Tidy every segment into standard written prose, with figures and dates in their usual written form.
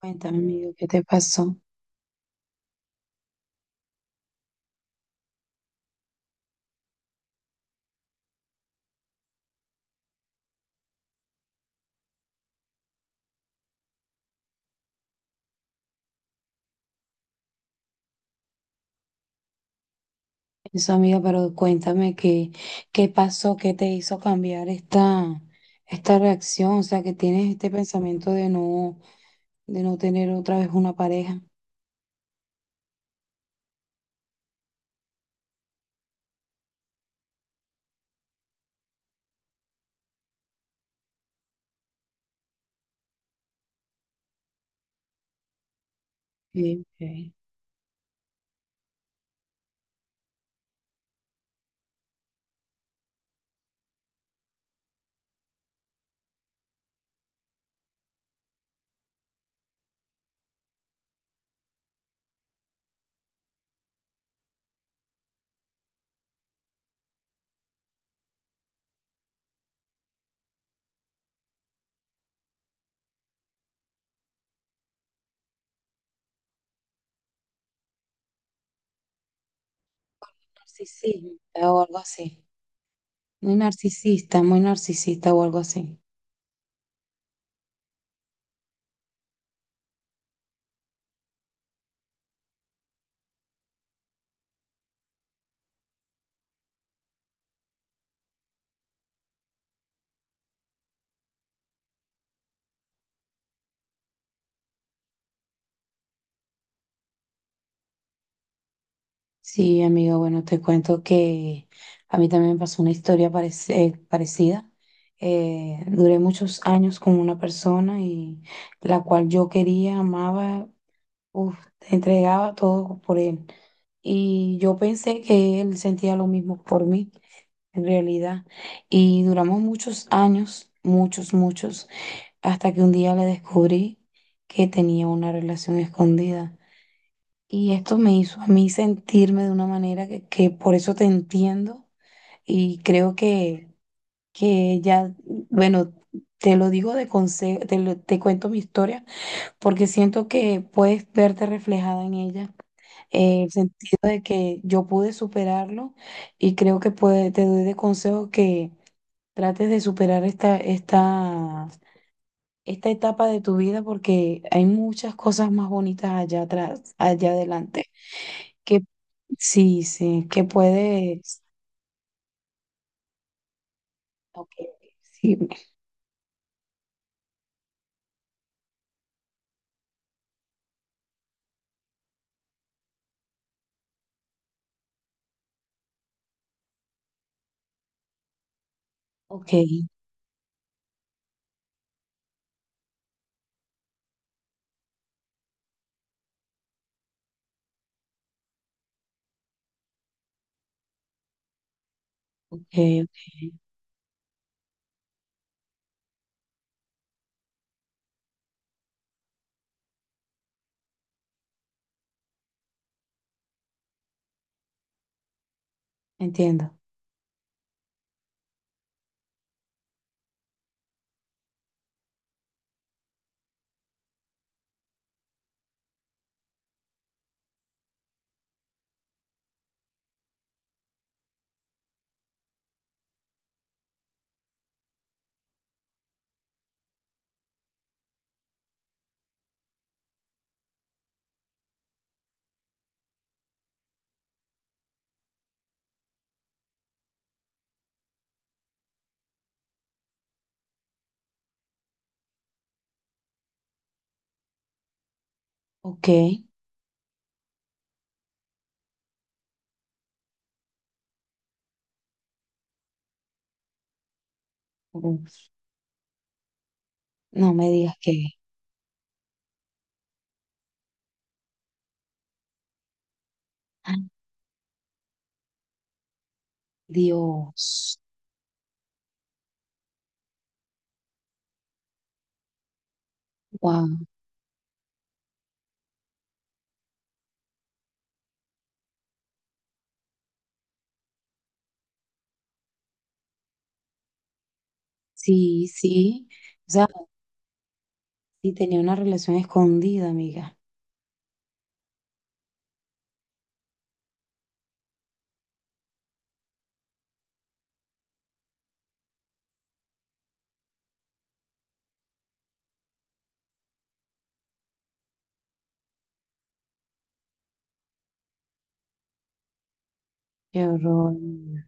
Cuéntame, amigo, ¿qué te pasó? Eso, amiga, pero cuéntame qué, qué pasó, qué te hizo cambiar esta reacción, o sea, que tienes este pensamiento de no tener otra vez una pareja. Sí, sí. Narcisista o algo así. Muy narcisista o algo así. Sí, amigo, bueno, te cuento que a mí también me pasó una historia parecida. Duré muchos años con una persona y la cual yo quería, amaba. Uf, te entregaba todo por él. Y yo pensé que él sentía lo mismo por mí, en realidad. Y duramos muchos años, muchos, muchos, hasta que un día le descubrí que tenía una relación escondida. Y esto me hizo a mí sentirme de una manera que por eso te entiendo. Y creo que ya, bueno, te lo digo de consejo, te cuento mi historia porque siento que puedes verte reflejada en ella, el sentido de que yo pude superarlo y creo que te doy de consejo que trates de superar esta etapa de tu vida porque hay muchas cosas más bonitas allá atrás, allá adelante, que sí, sí, que puedes, ok, sí, ok, ok, ok, entiendo, ok, uf, no me digas que, ay, Dios. Wow. Sí, sí. O sea, sí tenía una relación escondida, amiga. Qué horror, amiga.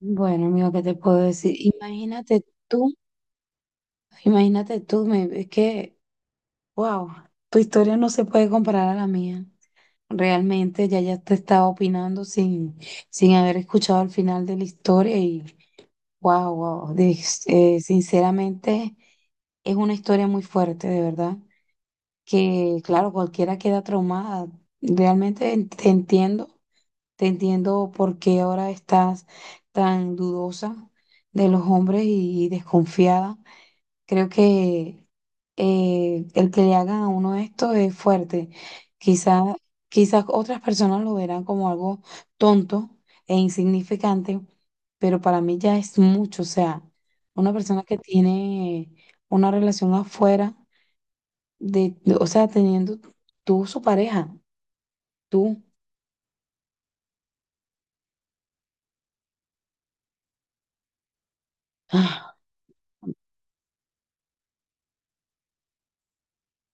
Bueno, amigo, ¿qué te puedo decir? Imagínate tú, es que, wow, tu historia no se puede comparar a la mía. Realmente ya te estaba opinando sin, sin haber escuchado el final de la historia y, wow, wow, sinceramente es una historia muy fuerte, de verdad, que claro, cualquiera queda traumada. Realmente te entiendo. Te entiendo por qué ahora estás tan dudosa de los hombres y desconfiada. Creo que el que le hagan a uno esto es fuerte. Quizás, quizás otras personas lo verán como algo tonto e insignificante, pero para mí ya es mucho. O sea, una persona que tiene una relación afuera o sea, teniendo tú su pareja, tú. Ah,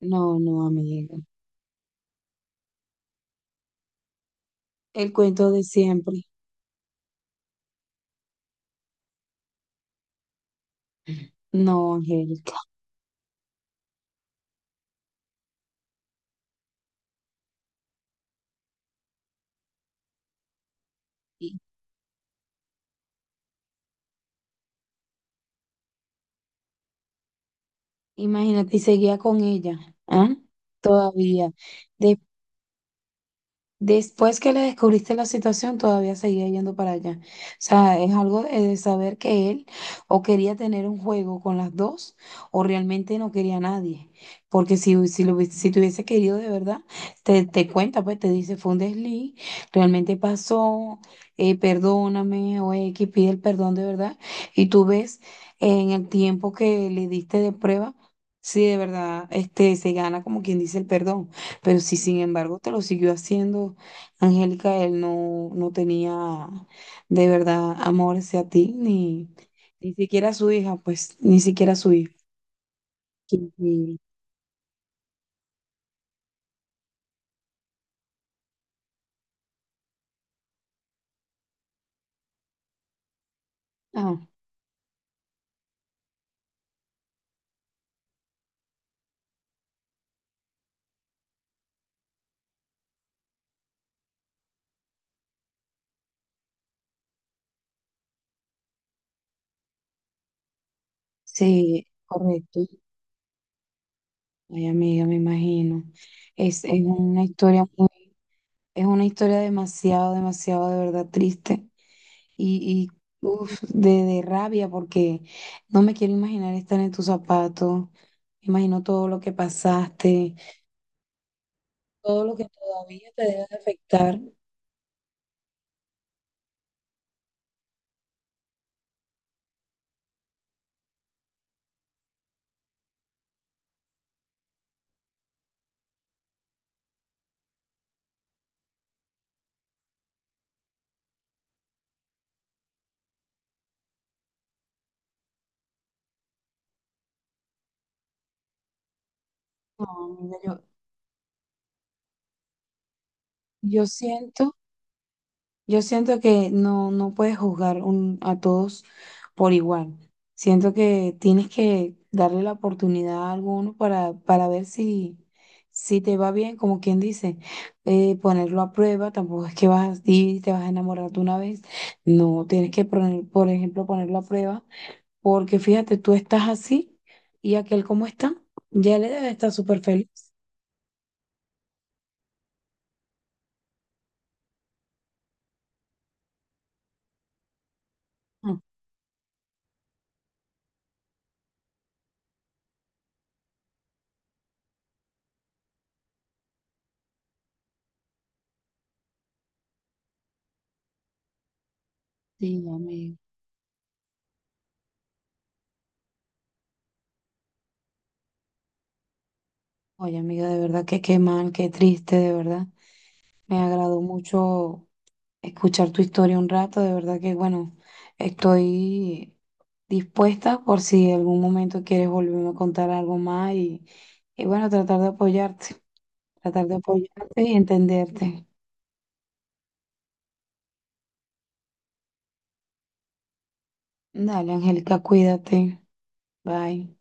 no, no, amiga. El cuento de siempre. No, Angélica. Imagínate, y seguía con ella, ¿ah? Todavía. Después que le descubriste la situación, todavía seguía yendo para allá. O sea, es algo de saber que él o quería tener un juego con las dos o realmente no quería a nadie. Porque si, si te hubiese querido de verdad, te cuenta, pues te dice, fue un desliz, realmente pasó, perdóname o X, pide el perdón de verdad. Y tú ves en el tiempo que le diste de prueba si de verdad este, se gana, como quien dice, el perdón. Pero si sin embargo te lo siguió haciendo, Angélica, él no, no tenía de verdad amor hacia ti, ni, ni siquiera a su hija, pues, ni siquiera a su hija. Sí, sí. Ah, sí, correcto. Ay, amiga, me imagino. Es una historia muy, es una historia demasiado, demasiado de verdad triste y uf, de rabia porque no me quiero imaginar estar en tus zapatos, me imagino todo lo que pasaste, todo lo que todavía te debe de afectar. No, mira, yo, yo siento, yo siento que no, no puedes a todos por igual. Siento que tienes que darle la oportunidad a alguno para ver si, si te va bien, como quien dice. Ponerlo a prueba, tampoco es que vas a ir, y te vas a enamorar de una vez. No, tienes que poner, por ejemplo, ponerlo a prueba, porque fíjate, tú estás así y aquel como está, ya le debe estar súper feliz. Sí, amiga. Oye, amiga, de verdad que qué mal, qué triste, de verdad. Me agradó mucho escuchar tu historia un rato, de verdad que, bueno, estoy dispuesta por si en algún momento quieres volverme a contar algo más y bueno, tratar de apoyarte y entenderte. Dale, Angélica, cuídate. Bye.